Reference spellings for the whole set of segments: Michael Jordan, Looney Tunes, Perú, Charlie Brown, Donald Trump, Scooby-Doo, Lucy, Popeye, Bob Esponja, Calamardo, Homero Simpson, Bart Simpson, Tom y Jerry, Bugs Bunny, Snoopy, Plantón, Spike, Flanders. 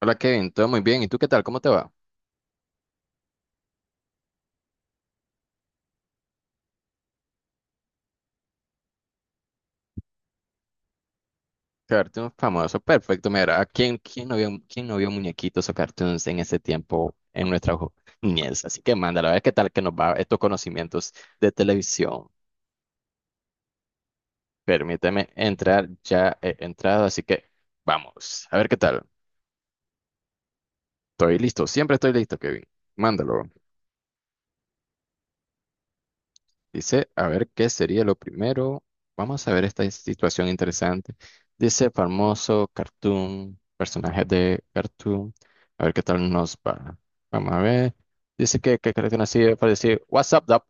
Hola Kevin, todo muy bien. ¿Y tú qué tal? ¿Cómo te va? Cartoon famoso, perfecto. Mira, ¿a quién, quién no vio muñequitos o cartoons en ese tiempo en nuestra niñez? Así que mándalo, a ver qué tal que nos va estos conocimientos de televisión. Permíteme entrar, ya he entrado, así que vamos, a ver qué tal. Estoy listo, siempre estoy listo, Kevin. Mándalo. Dice, a ver, ¿qué sería lo primero? Vamos a ver esta situación interesante. Dice, famoso cartoon, personaje de cartoon. A ver qué tal nos va. Vamos a ver. Dice que cartoon así parece, What's up, Doc?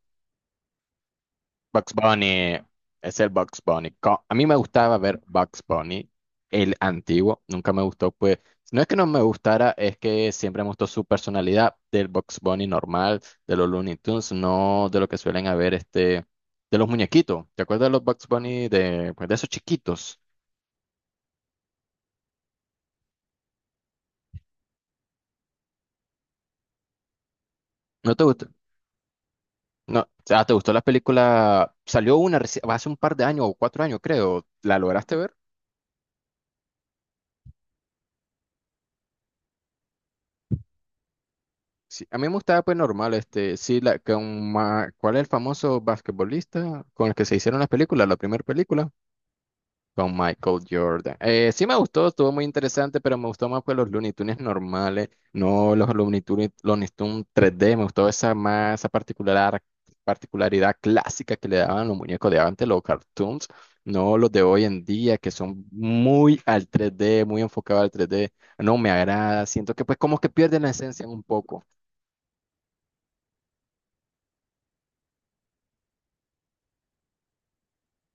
Bugs Bunny es el Bugs Bunny. A mí me gustaba ver Bugs Bunny, el antiguo. Nunca me gustó, pues. No es que no me gustara, es que siempre me gustó su personalidad del Bugs Bunny normal, de los Looney Tunes, no de lo que suelen haber este, de los muñequitos. ¿Te acuerdas de los Bugs Bunny de, pues, de esos chiquitos? ¿No te gustó? No, o sea, ¿te gustó la película? Salió hace un par de años o cuatro años, creo. ¿La lograste ver? Sí, a mí me gustaba pues normal, este, sí, ¿cuál es el famoso basquetbolista con el que se hicieron las películas, la primera película? Con Michael Jordan. Sí me gustó, estuvo muy interesante, pero me gustó más pues los Looney Tunes normales, no los Looney Tunes, Looney Tunes 3D, me gustó esa más, particularidad clásica que le daban los muñecos de antes, los cartoons, no los de hoy en día, que son muy al 3D, muy enfocados al 3D, no me agrada, siento que pues como que pierden la esencia un poco.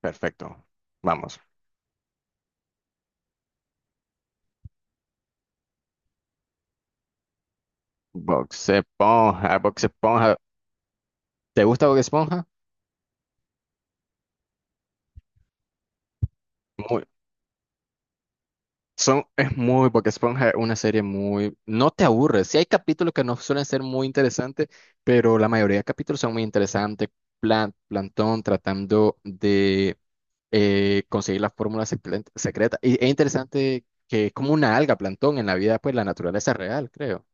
Perfecto. Vamos. Bob Esponja, Bob Esponja. ¿Te gusta Bob Esponja? Muy, son, es muy, Bob Esponja es una serie muy. No te aburres. Sí hay capítulos que no suelen ser muy interesantes, pero la mayoría de capítulos son muy interesantes. Plantón tratando de conseguir la fórmula secreta. Y es interesante que es como una alga, Plantón, en la vida, pues la naturaleza real, creo.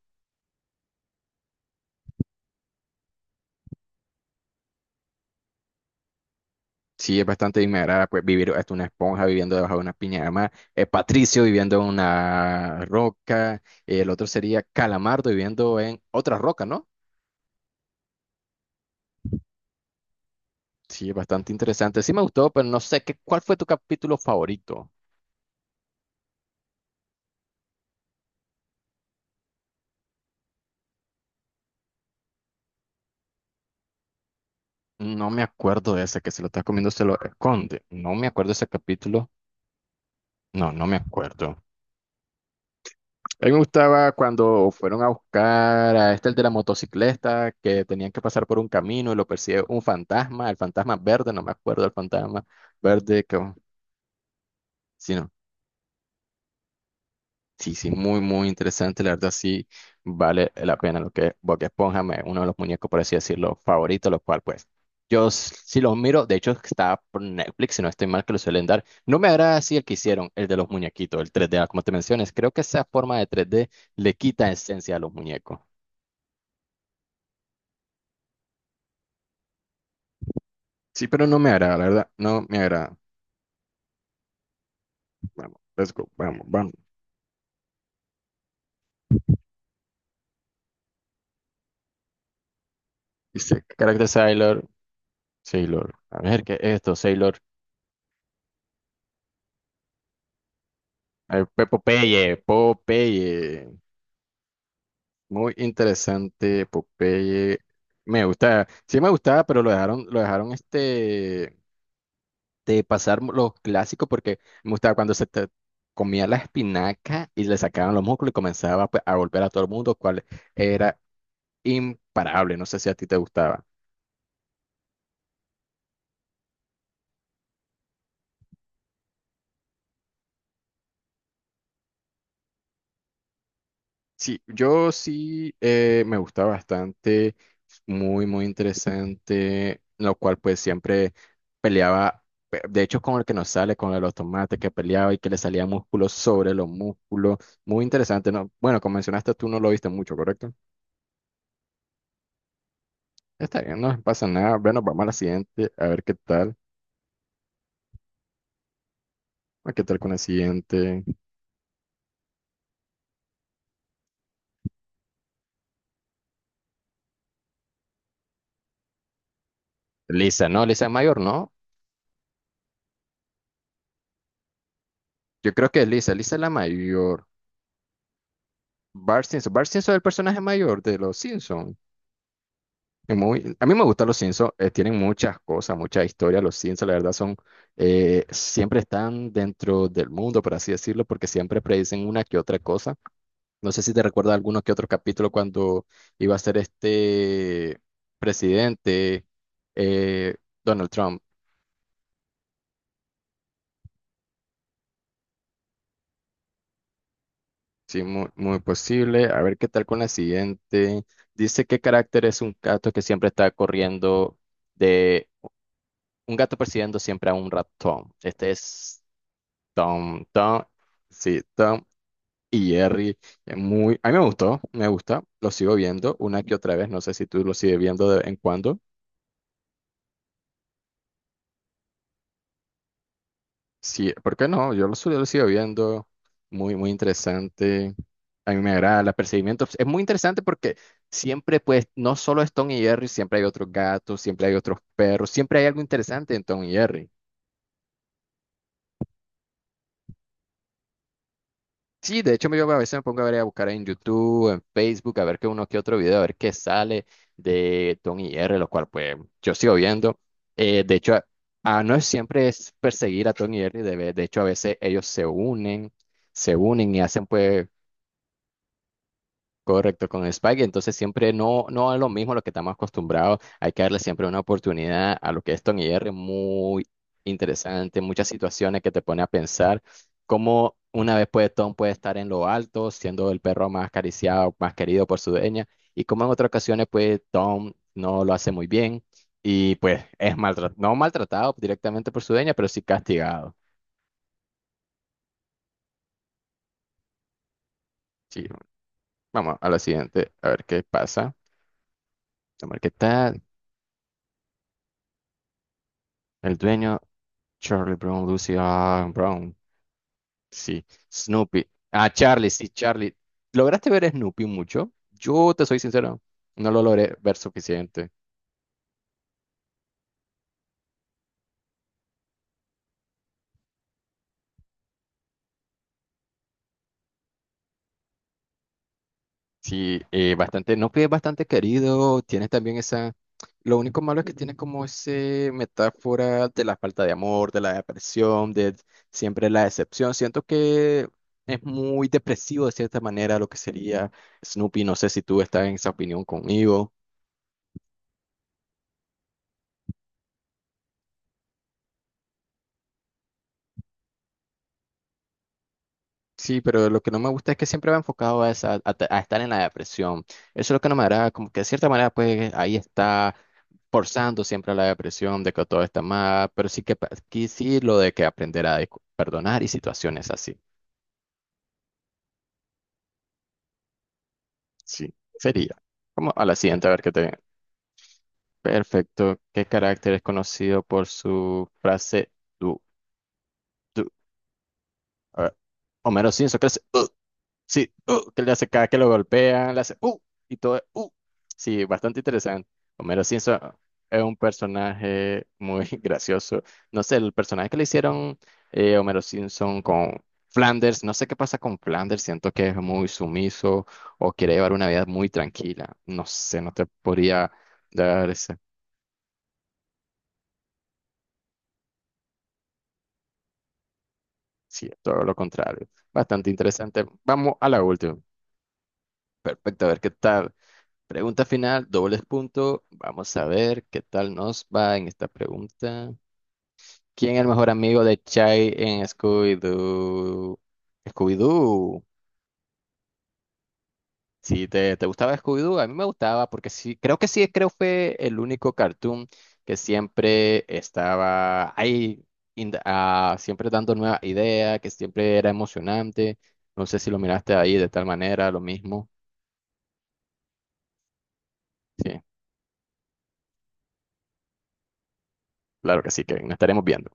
Sí, es bastante inmadera, pues vivir hasta una esponja viviendo debajo de una piña de mar, Patricio viviendo en una roca, el otro sería Calamardo viviendo en otra roca, ¿no? Sí, es bastante interesante. Sí me gustó, pero no sé qué, ¿cuál fue tu capítulo favorito? No me acuerdo de ese que se lo está comiendo, se lo esconde. No me acuerdo de ese capítulo. No, no me acuerdo. A mí me gustaba cuando fueron a buscar a este, el de la motocicleta, que tenían que pasar por un camino y lo persigue un fantasma, el fantasma verde, no me acuerdo el fantasma verde, que, sí, no, sí, sí, muy, muy interesante, la verdad sí vale la pena lo que es Bob Esponja, uno de los muñecos, por así decirlo, favoritos, lo cual pues yo sí los miro, de hecho está por Netflix, si no estoy mal que lo suelen dar, no me agrada así el que hicieron, el de los muñequitos, el 3D, como te mencionas, creo que esa forma de 3D le quita esencia a los muñecos. Sí, pero no me agrada, la verdad. No me agrada. Vamos, let's go. Vamos, vamos. Dice, carácter Sailor, Sailor. A ver, ¿qué es esto? Sailor. A ver, Popeye, Popeye. Muy interesante, Popeye. Me gusta. Sí me gustaba, pero lo dejaron de pasar los clásicos porque me gustaba cuando comía la espinaca y le sacaban los músculos y comenzaba pues, a golpear a todo el mundo, cual era imparable. No sé si a ti te gustaba. Sí, yo sí me gusta bastante, muy, muy interesante, lo cual pues siempre peleaba, de hecho con el que nos sale, con el de los tomates que peleaba y que le salía músculo sobre los músculos, muy interesante, ¿no? Bueno, como mencionaste tú no lo viste mucho, ¿correcto? Está bien, no pasa nada, bueno, vamos a la siguiente, a ver qué tal, a qué tal con la siguiente. Lisa, no, Lisa es mayor, ¿no? Yo creo que es Lisa, Lisa es la mayor. Bart Simpson, Bart Simpson es el personaje mayor de los Simpsons. A mí me gustan los Simpsons, tienen muchas cosas, muchas historias. Los Simpsons, la verdad, son siempre están dentro del mundo, por así decirlo, porque siempre predicen una que otra cosa. No sé si te recuerdas alguno que otro capítulo cuando iba a ser este presidente eh, Donald Trump. Sí, muy, muy posible. A ver qué tal con la siguiente. Dice qué carácter es un gato que siempre está corriendo de un gato persiguiendo siempre a un ratón. Este es. Tom, Tom, sí, Tom y Jerry. A mí me gustó, me gusta, lo sigo viendo una que otra vez, no sé si tú lo sigues viendo de vez en cuando. Sí, ¿por qué no? Yo lo sigo viendo, muy, muy interesante. A mí me agrada, el perseguimientos. Es muy interesante porque siempre, pues, no solo es Tom y Jerry, siempre hay otros gatos, siempre hay otros perros, siempre hay algo interesante en Tom y Jerry. Sí, de hecho yo a veces me pongo a ver a buscar en YouTube, en Facebook, a ver qué uno que otro video, a ver qué sale de Tom y R, lo cual pues yo sigo viendo. De hecho, no es siempre es perseguir a Tom y R, de hecho a veces ellos se unen, y hacen pues. Correcto, con Spike, entonces siempre no, no es lo mismo a lo que estamos acostumbrados, hay que darle siempre una oportunidad a lo que es Tony R, muy interesante, muchas situaciones que te pone a pensar cómo una vez puede Tom puede estar en lo alto, siendo el perro más acariciado, más querido por su dueña, y cómo en otras ocasiones pues Tom no lo hace muy bien y pues es maltratado, no maltratado directamente por su dueña, pero sí castigado. Sí, vamos a la siguiente, a ver qué pasa. Vamos a ver qué tal. El dueño, Charlie Brown, Lucy, Brown, sí, Snoopy. Ah, Charlie, sí, Charlie. ¿Lograste ver Snoopy mucho? Yo te soy sincero, no lo logré ver suficiente. Sí, bastante, Snoopy es bastante querido, tiene también esa. Lo único malo es que tiene como ese metáfora de la falta de amor, de la depresión, de siempre la decepción. Siento que es muy depresivo de cierta manera lo que sería Snoopy. No sé si tú estás en esa opinión conmigo. Sí, pero lo que no me gusta es que siempre va enfocado a, esa, a, ta- a estar en la depresión. Eso es lo que no me agrada, como que de cierta manera, pues ahí está forzando siempre a la depresión de que todo está mal, pero sí que aquí sí lo de que aprender a perdonar y situaciones así. Sí, sería. Como a la siguiente, a ver qué te. Perfecto. ¿Qué carácter es conocido por su frase du, du? A ver. Homero Simpson, ¿qué es? Sí, que le hace cada que lo golpean, le hace y todo. Sí, bastante interesante. Homero Simpson es un personaje muy gracioso. No sé, el personaje que le hicieron Homero Simpson con Flanders, no sé qué pasa con Flanders, siento que es muy sumiso o quiere llevar una vida muy tranquila. No sé, no te podría dar ese. Sí, todo lo contrario. Bastante interesante. Vamos a la última. Perfecto, a ver qué tal. Pregunta final, dobles puntos. Vamos a ver qué tal nos va en esta pregunta. ¿Quién es el mejor amigo de Chai en Scooby-Doo? Scooby-Doo. Si te gustaba Scooby-Doo, a mí me gustaba porque sí, creo que sí, creo fue el único cartoon que siempre estaba ahí, siempre dando nuevas ideas, que siempre era emocionante. No sé si lo miraste ahí de tal manera, lo mismo. Sí, claro que sí, que nos estaremos viendo.